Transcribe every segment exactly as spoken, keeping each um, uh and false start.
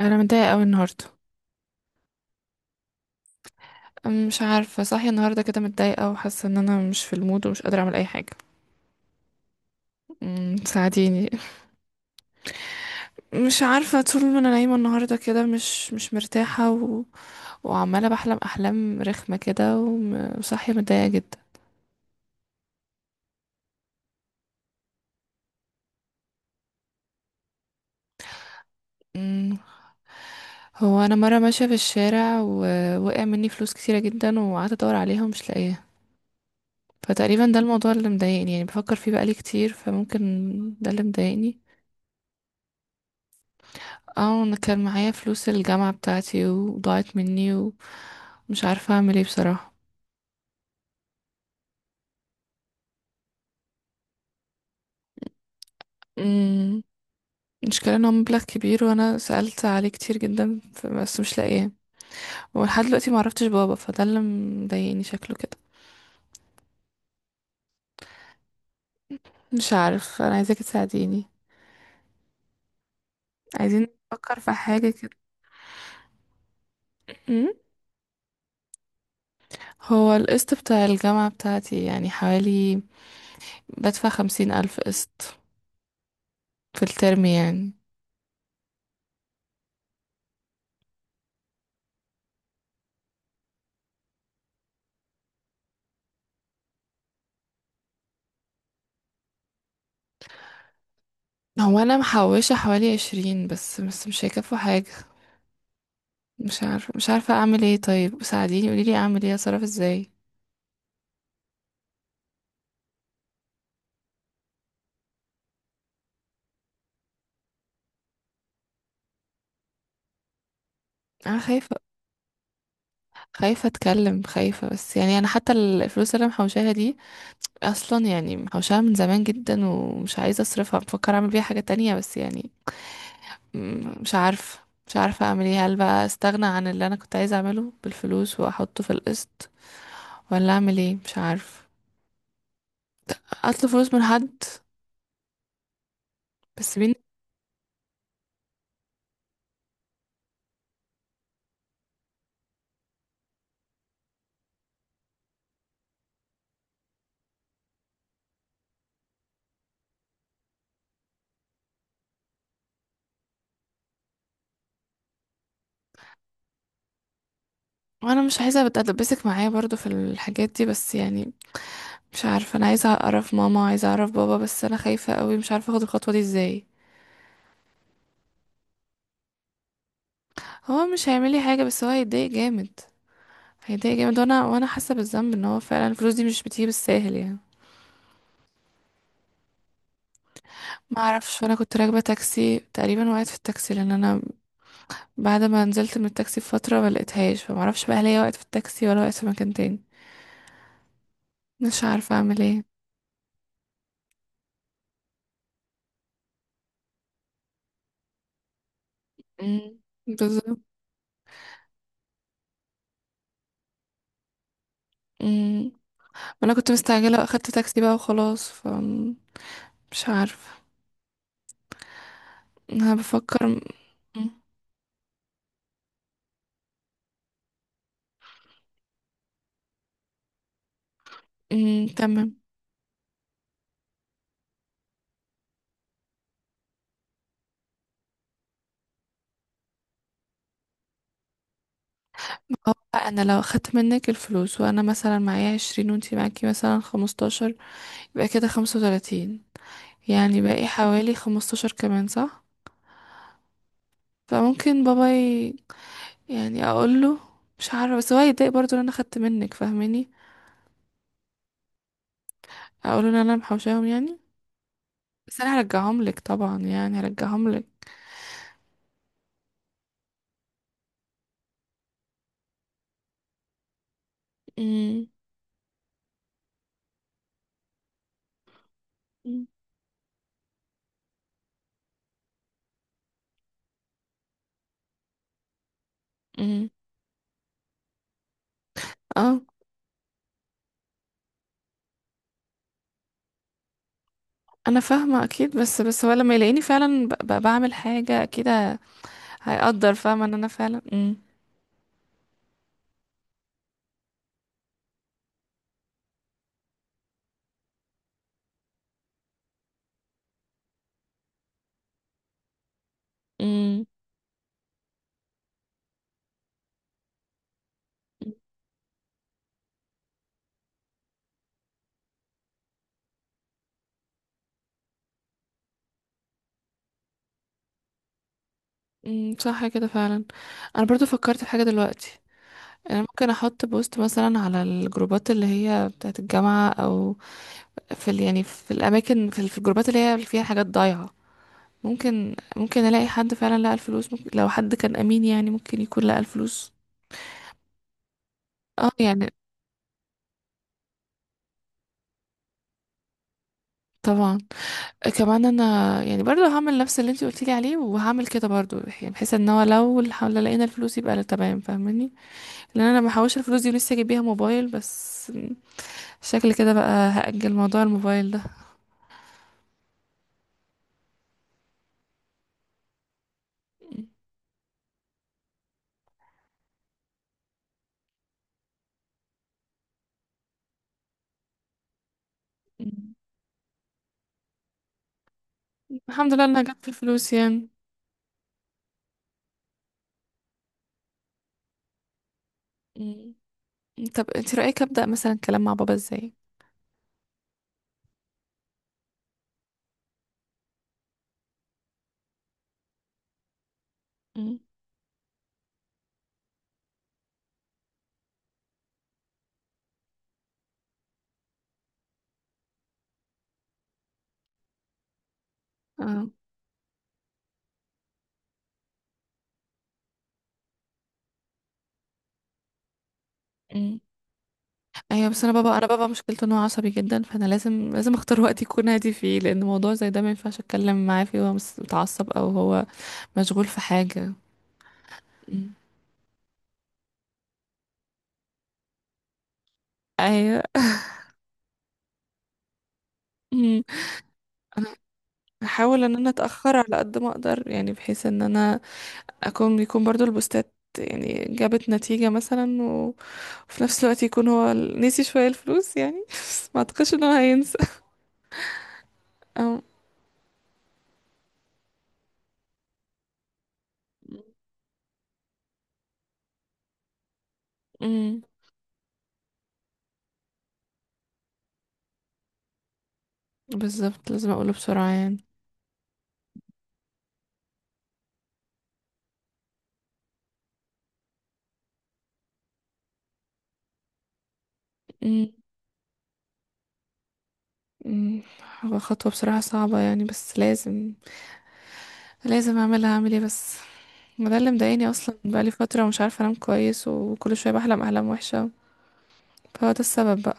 انا متضايقه قوي النهارده. أم، مش عارفه، صاحيه النهارده كده متضايقه وحاسه ان انا مش في المود ومش قادره اعمل اي حاجه. أم، ساعديني. مش عارفه، طول ما انا نايمه النهارده كده مش مش مرتاحه و... وعماله بحلم احلام رخمه كده، وم- وصاحيه متضايقه جدا. أم، هو انا مره ماشيه في الشارع ووقع مني فلوس كتيره جدا، وقعدت ادور عليها ومش لاقيها. فتقريبا ده الموضوع اللي مضايقني، يعني بفكر فيه بقالي كتير، فممكن ده اللي مضايقني. اه، انا كان معايا فلوس الجامعة بتاعتي وضاعت مني ومش عارفة اعمل ايه بصراحة. امم المشكلة ان هو مبلغ كبير، وانا سألت عليه كتير جدا، ف- بس مش لاقيه. ولحد دلوقتي معرفتش بابا، فده اللي مضايقني شكله كده. مش عارف. انا عايزاك تساعديني، عايزين نفكر في حاجة كده. مم. هو القسط بتاع الجامعة بتاعتي يعني حوالي، بدفع خمسين ألف قسط في الترم يعني. هو أنا محوشة حوالي عشرين بس، بس مش هيكفوا حاجة. مش عارفة، مش عارفة اعمل ايه. طيب ساعديني، قوليلي اعمل ايه، اتصرف ازاي؟ انا خايفة، خايفة اتكلم، خايفة. بس يعني انا حتى الفلوس اللي أنا محوشاها دي، اصلا يعني محوشاها من زمان جدا، ومش عايزة اصرفها، بفكر اعمل بيها حاجة تانية. بس يعني م- مش عارفة، مش عارفة اعمل ايه. هل بقى استغنى عن اللي انا كنت عايزة اعمله بالفلوس واحطه في القسط، ولا اعمل ايه؟ مش عارفة. اطلب فلوس من حد، بس بين وانا مش عايزة اتدبسك معايا برضو في الحاجات دي، بس يعني مش عارفة، انا عايزة اعرف ماما وعايزة اعرف بابا، بس انا خايفة قوي، مش عارفة اخد الخطوة دي ازاي. هو مش هيعمل لي حاجة، بس هو هيتضايق جامد، هيتضايق جامد، وانا وانا حاسة بالذنب ان هو فعلا الفلوس دي مش بتيجي بالساهل يعني. ما اعرفش. وانا كنت راكبة تاكسي، تقريبا وقعت في التاكسي، لان انا بعد ما نزلت من التاكسي بفترة ما لقيتهاش. فما اعرفش بقى هل هي وقعت في التاكسي ولا وقعت في مكان تاني. مش عارفة اعمل ايه. مم. بالظبط. مم. وانا كنت مستعجلة واخدت تاكسي بقى وخلاص. ف مش عارفة. انا بفكر. مم. مم. تمام. هو انا لو اخدت منك الفلوس وانا مثلا معايا عشرين، وانتي معاكي مثلا خمستاشر، يبقى كده خمسة وتلاتين، يعني باقي حوالي خمستاشر كمان، صح؟ فممكن بابا ي... يعني اقوله، مش عارفه، بس هو هيتضايق برضه ان انا اخدت منك، فاهماني؟ اقوله ان انا محوشاهم يعني، بس انا هرجعهم لك طبعا، يعني هرجعهم لك. امم امم اه، انا فاهمه اكيد، بس بس هو لما يلاقيني فعلا ب... ب... بعمل حاجه، اكيد ه- هيقدر، فاهمه ان انا فعلا. امم امم صح كده فعلا. انا برضو فكرت في حاجه دلوقتي. انا ممكن احط بوست مثلا على الجروبات اللي هي بتاعت الجامعه، او في ال يعني في الاماكن، في, ال- في الجروبات اللي هي اللي فيها حاجات ضايعه. ممكن ممكن الاقي حد فعلا لقى الفلوس، ممكن لو حد كان امين يعني ممكن يكون لقى الفلوس. اه يعني طبعا. كمان انا يعني برضو هعمل نفس اللي انتي قلتيلي عليه، وهعمل كده برضو، يعني بحيث ان هو لو الح- لو لقينا الفلوس يبقى تمام، فاهماني؟ لان انا ما الفلوس دي ولسه اجيب بيها موبايل بس، شكلي كده بقى هأجل موضوع الموبايل ده. مم. الحمد لله انها جت في الفلوس يعني. مم. طب انت رأيك أبدأ مثلا كلام مع بابا ازاي؟ مم. اه. مم. ايوه، بس انا بابا انا بابا مشكلته ان هو عصبي جدا، فانا لازم، لازم اختار وقت يكون هادي فيه، لان موضوع زي ده ما ينفعش اتكلم معاه فيه وهو مس- متعصب، او هو مشغول في حاجة. مم. ايوه. مم. هحاول ان انا اتاخر على قد ما اقدر، يعني بحيث ان انا اكون يكون برضو البوستات يعني جابت نتيجة مثلا، و- وفي نفس الوقت يكون هو ال- نسي شوية الفلوس يعني. بس ما اعتقدش ان هو هينسى. أو... أمم، بالظبط، لازم اقوله بسرعة يعني. أمم، أمم، هو خطوة بصراحة صعبة يعني، بس لازم، لازم اعملها، اعمل ايه بس. ما ده اللي مضايقني اصلا، بقالي فترة ومش عارفة انام كويس، وكل شوية بحلم احلام وحشة، فهو ده السبب بقى.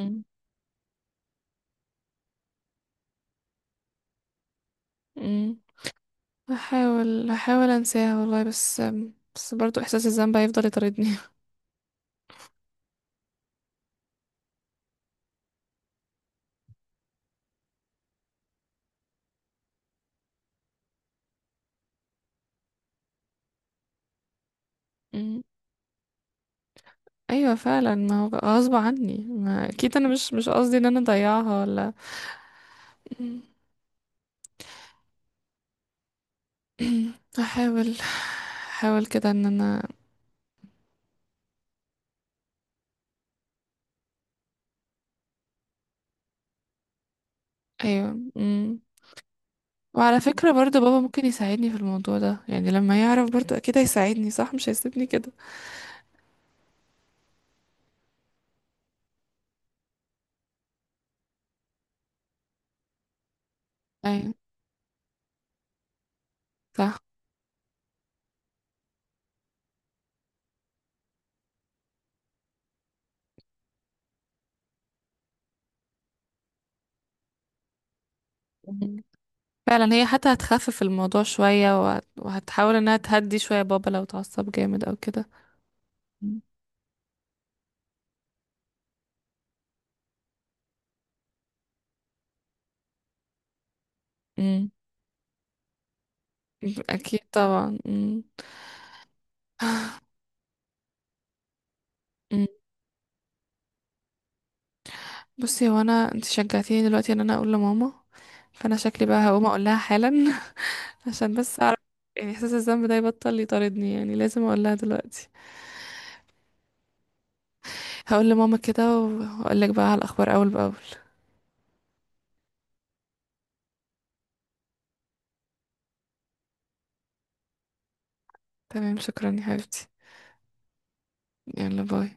أمم، أمم، هحاول هحاول انساها والله، بس بس برضو احساس الذنب هيفضل يطاردني. مم. ايوه فعلا، ما هو بقى غصب عني، ما اكيد انا مش مش قصدي ان انا اضيعها ولا. مم. احاول احاول كده ان انا. ايوه. مم. وعلى فكرة برضو بابا ممكن يساعدني في الموضوع ده، يعني لما يعرف برضو اكيد هيساعدني، صح مش هيسيبني كده. ايوه. صح. مم. فعلا هي حتى هتخفف الموضوع شوية، وهت- وهتحاول انها تهدي شوية بابا لو اتعصب جامد او كده. مم. مم. اكيد طبعا. مم. بصي، هو انا انت شجعتيني دلوقتي ان انا اقول لماما، فانا شكلي بقى هقوم اقول لها حالا. عشان بس اعرف يعني احساس الذنب ده يبطل يطاردني، يعني لازم اقول لها دلوقتي. هقول لماما كده، وهقول لك بقى على الاخبار اول باول. تمام. شكرا يا حبيبتي. يلا باي.